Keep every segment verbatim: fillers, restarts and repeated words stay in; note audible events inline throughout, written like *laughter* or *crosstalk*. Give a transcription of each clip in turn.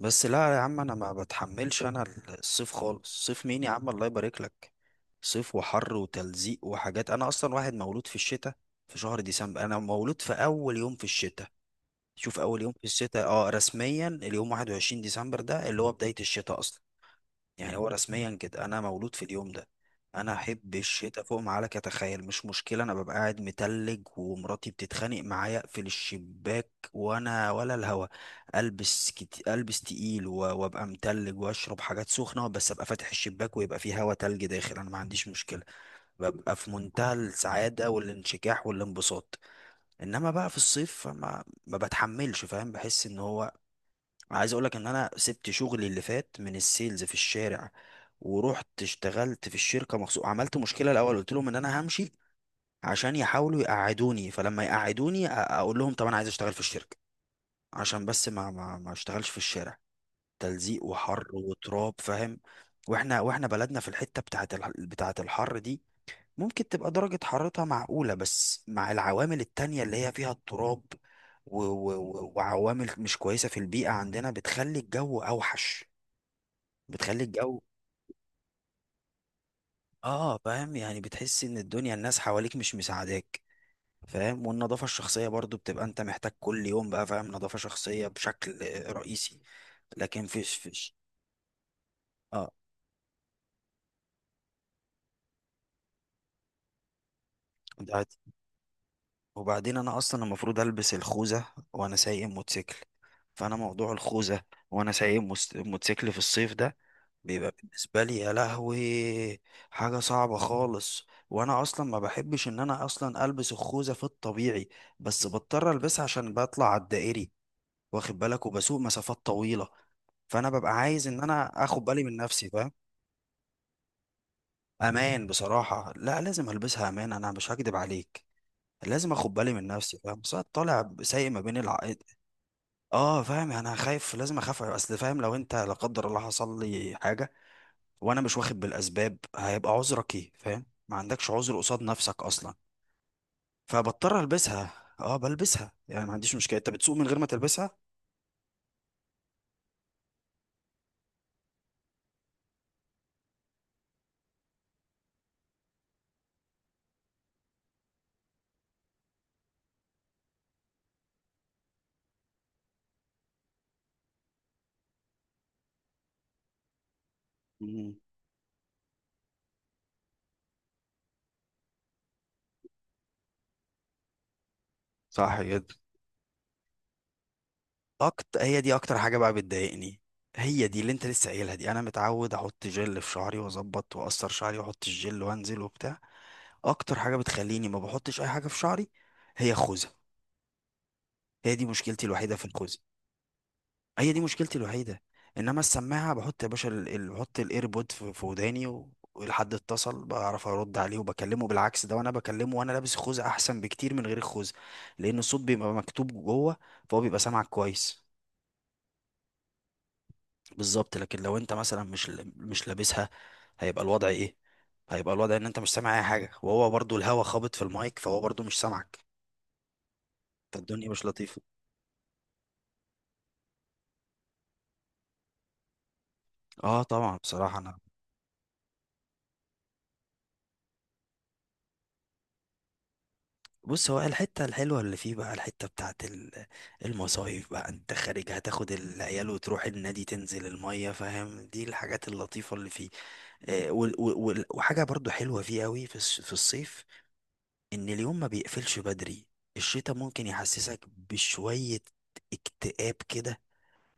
بس لا يا عم، انا ما بتحملش. انا الصيف خالص، صيف مين يا عم؟ الله يبارك لك. صيف وحر وتلزيق وحاجات. انا اصلا واحد مولود في الشتاء، في شهر ديسمبر. انا مولود في اول يوم في الشتاء. شوف، اول يوم في الشتاء، اه، رسميا اليوم واحد وعشرين ديسمبر، ده اللي هو بداية الشتاء اصلا. يعني هو رسميا كده انا مولود في اليوم ده. انا احب الشتاء فوق ما عليك اتخيل. مش مشكله، انا ببقى قاعد متلج، ومراتي بتتخانق معايا اقفل الشباك وانا ولا الهوا. البس كت... البس تقيل و- وابقى متلج واشرب حاجات سخنه، بس ابقى فاتح الشباك ويبقى فيه هوا تلج داخل، انا ما عنديش مشكله. ببقى في منتهى السعاده والانشكاح والانبساط. انما بقى في الصيف ما ما بتحملش، فاهم؟ بحس ان هو، عايز اقولك ان انا سبت شغلي اللي فات من السيلز في الشارع، ورحت اشتغلت في الشركه مخصوص. عملت مشكله الاول، قلت لهم ان انا همشي عشان يحاولوا يقعدوني، فلما يقعدوني أ- اقول لهم طب انا عايز اشتغل في الشركه، عشان بس ما ما ما اشتغلش في الشارع. تلزيق وحر وتراب، فاهم؟ واحنا واحنا بلدنا في الحته بتاعه الح- بتاعه الحر دي، ممكن تبقى درجة حرارتها معقولة، بس مع العوامل التانية اللي هي فيها التراب و و و وعوامل مش كويسة في البيئة عندنا، بتخلي الجو أوحش. بتخلي الجو اه فاهم، يعني بتحس ان الدنيا الناس حواليك مش مساعداك، فاهم؟ والنظافة الشخصية برضو بتبقى انت محتاج كل يوم بقى، فاهم؟ نظافة شخصية بشكل رئيسي، لكن فيش فيش. اه. ده، وبعدين انا اصلا المفروض البس الخوذه، وانا سايق موتوسيكل. فانا موضوع الخوذه وانا سايق مس- موتوسيكل في الصيف ده، بيبقى بالنسبه لي يا لهوي حاجه صعبه خالص. وانا اصلا ما بحبش ان انا اصلا البس الخوذه في الطبيعي، بس بضطر البسها عشان بطلع على الدائري، واخد بالك؟ وبسوق مسافات طويله، فانا ببقى عايز ان انا اخد بالي من نفسي، فاهم؟ امان. بصراحه لا، لازم البسها امان، انا مش هكدب عليك. لازم اخد بالي من نفسي، فاهم؟ بس أنا طالع سايق ما بين الع... اه فاهم، يعني انا خايف، لازم اخاف. اصل فاهم، لو انت لا قدر الله حصل لي حاجه وانا مش واخد بالاسباب، هيبقى عذرك ايه؟ فاهم؟ ما عندكش عذر قصاد نفسك اصلا، فبضطر البسها. اه بلبسها يعني، ما عنديش مشكله. انت بتسوق من غير ما تلبسها؟ مم. صح جدا. اكتر، هي دي اكتر حاجه بقى بتضايقني، هي دي اللي انت لسه قايلها دي. انا متعود احط جل في شعري واظبط واقصر شعري واحط الجل وانزل وبتاع. اكتر حاجه بتخليني ما بحطش اي حاجه في شعري هي الخوذه. هي دي مشكلتي الوحيده في الخوذه، هي دي مشكلتي الوحيدة. انما السماعة بحط يا باشا، ال... ال... بحط الايربود في... في وداني، و... والحد اتصل بعرف ارد عليه وبكلمه. بالعكس، ده وانا بكلمه وانا لابس الخوذة احسن بكتير من غير الخوذة، لان الصوت بيبقى مكتوب جوه، فهو بيبقى سامعك كويس. بالظبط. لكن لو انت مثلا مش مش لابسها، هيبقى الوضع ايه؟ هيبقى الوضع ان انت مش سامع اي حاجة، وهو برضو الهوا خابط في المايك فهو برضو مش سامعك. فالدنيا مش لطيفة. اه طبعا، بصراحة انا، بص هو الحتة الحلوة اللي فيه بقى، الحتة بتاعت ال- المصايف بقى، انت خارج هتاخد العيال وتروح النادي تنزل المية، فاهم؟ دي الحاجات اللطيفة اللي فيه. آه، وال- وال- وال- وحاجة برضو حلوة فيه قوي في الص- في الصيف، ان اليوم ما بيقفلش بدري. الشتاء ممكن يحسسك بشوية اكتئاب كده،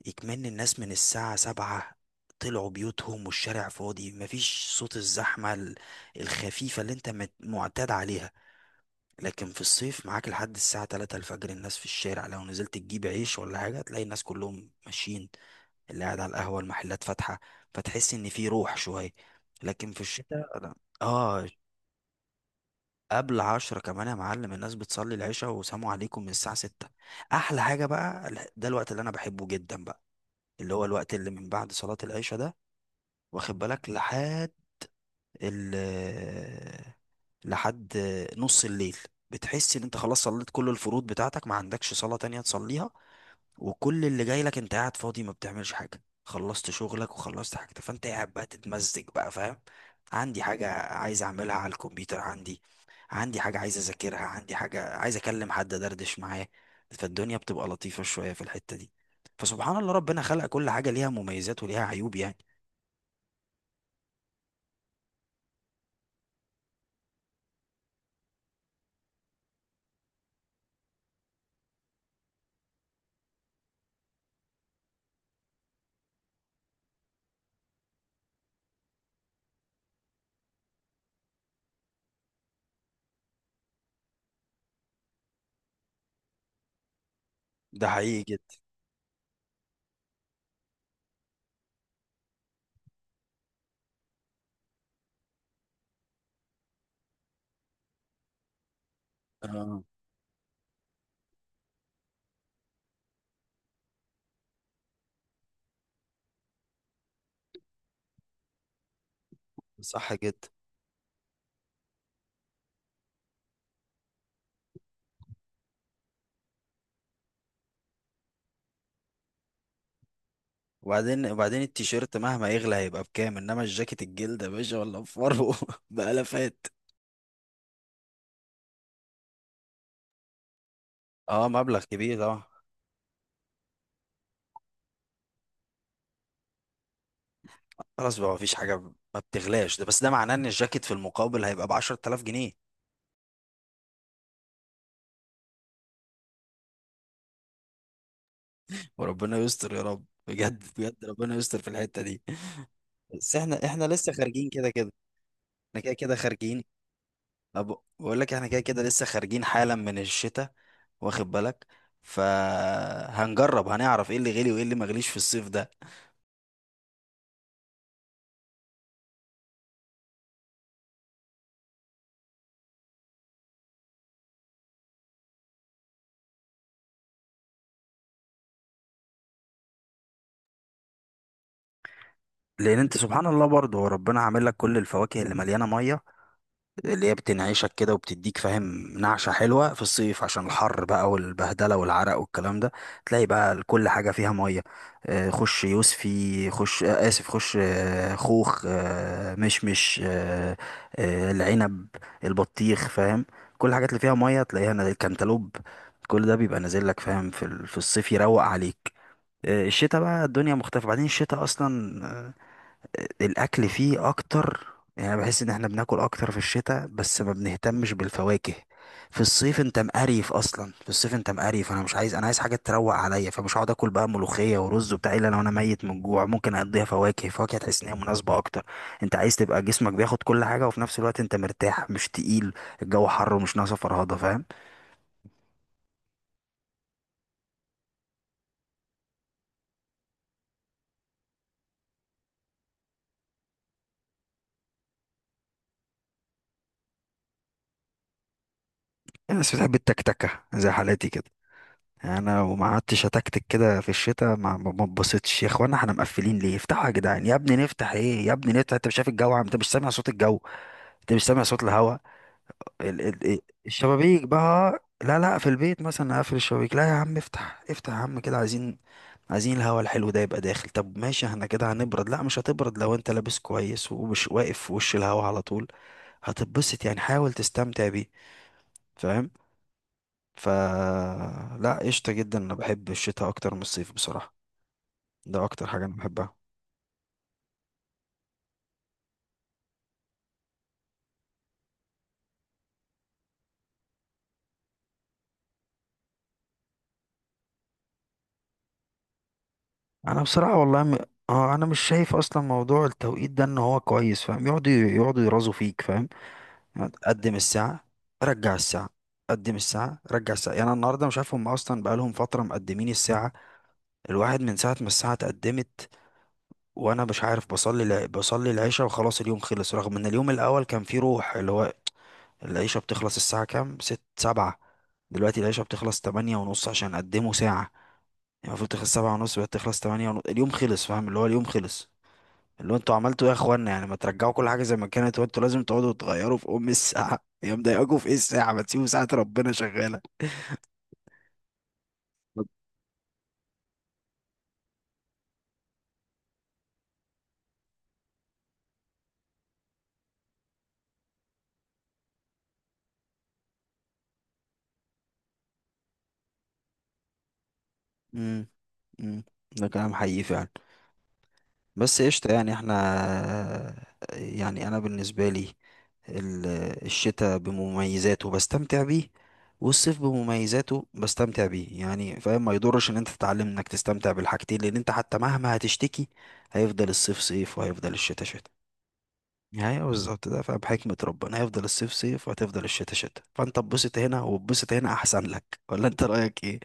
يكمن الناس من الساعة سبعة طلعوا بيوتهم، والشارع فاضي، مفيش صوت الزحمة ال- الخفيفة اللي انت مت- معتاد عليها. لكن في الصيف معاك لحد الساعة تلاتة الفجر الناس في الشارع، لو نزلت تجيب عيش ولا حاجة تلاقي الناس كلهم ماشيين، اللي قاعد على القهوة، المحلات فاتحة، فتحس إن في روح شوية. لكن في الشتاء، الشتاء لا. آه. قبل عشرة كمان يا معلم الناس بتصلي العشاء وسلام عليكم من الساعة ستة. أحلى حاجة بقى، ال- ده الوقت اللي أنا بحبه جدا بقى، اللي هو الوقت اللي من بعد صلاة العشاء ده، واخد بالك؟ لحد ال لحد نص الليل. بتحس ان انت خلاص صليت كل الفروض بتاعتك، ما عندكش صلاة تانية تصليها، وكل اللي جاي لك انت قاعد فاضي ما بتعملش حاجة، خلصت شغلك وخلصت حاجتك، فانت قاعد بقى تتمزج بقى، فاهم؟ عندي حاجة عايز اعملها على الكمبيوتر، عندي، عندي حاجة عايز اذاكرها، عندي حاجة عايز اكلم حد دردش معاه. فالدنيا بتبقى لطيفة شوية في الحتة دي. فسبحان الله، ربنا خلق كل حاجة ليها مميزات وليها عيوب يعني. ده حقيقي جدا. اه صح جدا. وبعدين وبعدين التيشيرت مهما يغلى هيبقى بكام؟ انما الجاكيت الجلد يا باشا ولا بفرو *laughs* بألافات. اه مبلغ كبير طبعا. خلاص بقى مفيش حاجة ب- ما بتغلاش، ده بس ده معناه ان الجاكيت في المقابل هيبقى ب عشر تلاف جنيه. وربنا يستر يا رب، بجد بجد ربنا يستر في الحتة دي. بس احنا احنا لسه خارجين كده كده. احنا كده كده خارجين. أب- بقول لك احنا كده كده لسه خارجين حالا من الشتاء، واخد بالك؟ فهنجرب، هنعرف ايه اللي غلي وايه اللي ما غليش في الصيف ده. لان انت سبحان الله برضه هو ربنا عامل لك كل الفواكه اللي مليانه ميه اللي هي بتنعشك كده وبتديك، فاهم؟ نعشه حلوه في الصيف عشان الحر بقى والبهدله والعرق والكلام ده. تلاقي بقى كل حاجه فيها ميه. آه، خش يوسفي، خش آه، اسف، خش آه، خوخ، آه، مشمش، آه، آه، العنب، البطيخ، فاهم؟ كل الحاجات اللي فيها ميه تلاقيها نازل- الكنتالوب، كل ده بيبقى نازل لك، فاهم؟ في ال- في الصيف يروق عليك. آه، الشتاء بقى الدنيا مختلفة. بعدين الشتاء أصلا الاكل فيه اكتر، يعني بحس ان احنا بناكل اكتر في الشتاء بس ما بنهتمش بالفواكه. في الصيف انت مقريف اصلا، في الصيف انت مقريف، انا مش عايز، انا عايز حاجه تروق عليا، فمش هقعد اكل بقى ملوخيه ورز وبتاع الا لو انا ميت من الجوع، ممكن اقضيها فواكه. فواكه تحس ان هي مناسبه اكتر، انت عايز تبقى جسمك بياخد كل حاجه وفي نفس الوقت انت مرتاح مش تقيل. الجو حر ومش ناقصه فرهضه، فاهم؟ الناس بتحب التكتكه زي حالاتي كده. انا وما قعدتش اتكتك كده في الشتاء ما ما ما اتبسطتش. يا اخوانا احنا مقفلين ليه؟ افتحوا يا جدعان. يا ابني نفتح ايه؟ يا ابني نفتح، انت مش شايف الجو؟ عم انت مش سامع صوت الجو؟ انت مش سامع صوت الهواء؟ ال... ال... ال- الشبابيك بقى، لا لا، في البيت مثلا اقفل الشبابيك؟ لا يا عم افتح، افتح يا عم كده. عايزين، عايزين الهواء الحلو ده يبقى داخل. طب ماشي، احنا كده هنبرد؟ لا مش هتبرد لو انت لابس كويس ومش واقف في وش الهواء على طول، هتتبسط يعني. حاول تستمتع بيه، فاهم؟ ف لا قشطة جدا، انا بحب الشتاء اكتر من الصيف بصراحة، ده اكتر حاجة انا بحبها. انا بصراحة والله م... اه انا مش شايف اصلا موضوع التوقيت ده ان هو كويس، فاهم؟ يقعدوا يقعدوا يرازوا فيك، فاهم؟ يعني قدم الساعة رجع الساعة، قدم الساعة رجع الساعة. يعني أنا النهاردة مش عارف، هم أصلا بقالهم فترة مقدمين الساعة، الواحد من ساعة ما الساعة اتقدمت وأنا مش عارف، بصلي الع- بصلي العشاء وخلاص اليوم خلص، رغم إن اليوم الأول كان فيه روح، اللي هو العيشة بتخلص الساعة كام؟ ست، سبعة. دلوقتي العيشة بتخلص تمانية ونص عشان قدموا ساعة، يعني المفروض تخلص سبعة ونص، بقت تخلص تمانية ونص، اليوم خلص، فاهم؟ اللي هو اليوم خلص. اللي هو انتوا عملتوا ايه يا اخوانا؟ يعني ما ترجعوا كل حاجة زي ما كانت، وانتوا لازم تقعدوا تغيروا في ام الساعة، يا مضايقاكوا في ايه الساعة؟ ما تسيبوا ساعة ربنا شغالة. امم، امم. ده كلام حقيقي فعلا، بس قشطة يعني احنا، يعني انا بالنسبة لي ال- الشتاء بمميزاته بستمتع بيه، والصيف بمميزاته بستمتع بيه يعني، فاهم؟ ما يضرش ان انت تتعلم انك تستمتع بالحاجتين، لان انت حتى مهما هتشتكي هيفضل الصيف صيف وهيفضل الشتاء شتاء. يعني بالظبط ده، فاهم؟ حكمة ربنا، هيفضل الصيف صيف وهتفضل الشتاء شتاء، فانت اتبسط هنا واتبسط هنا احسن لك، ولا انت رأيك ايه؟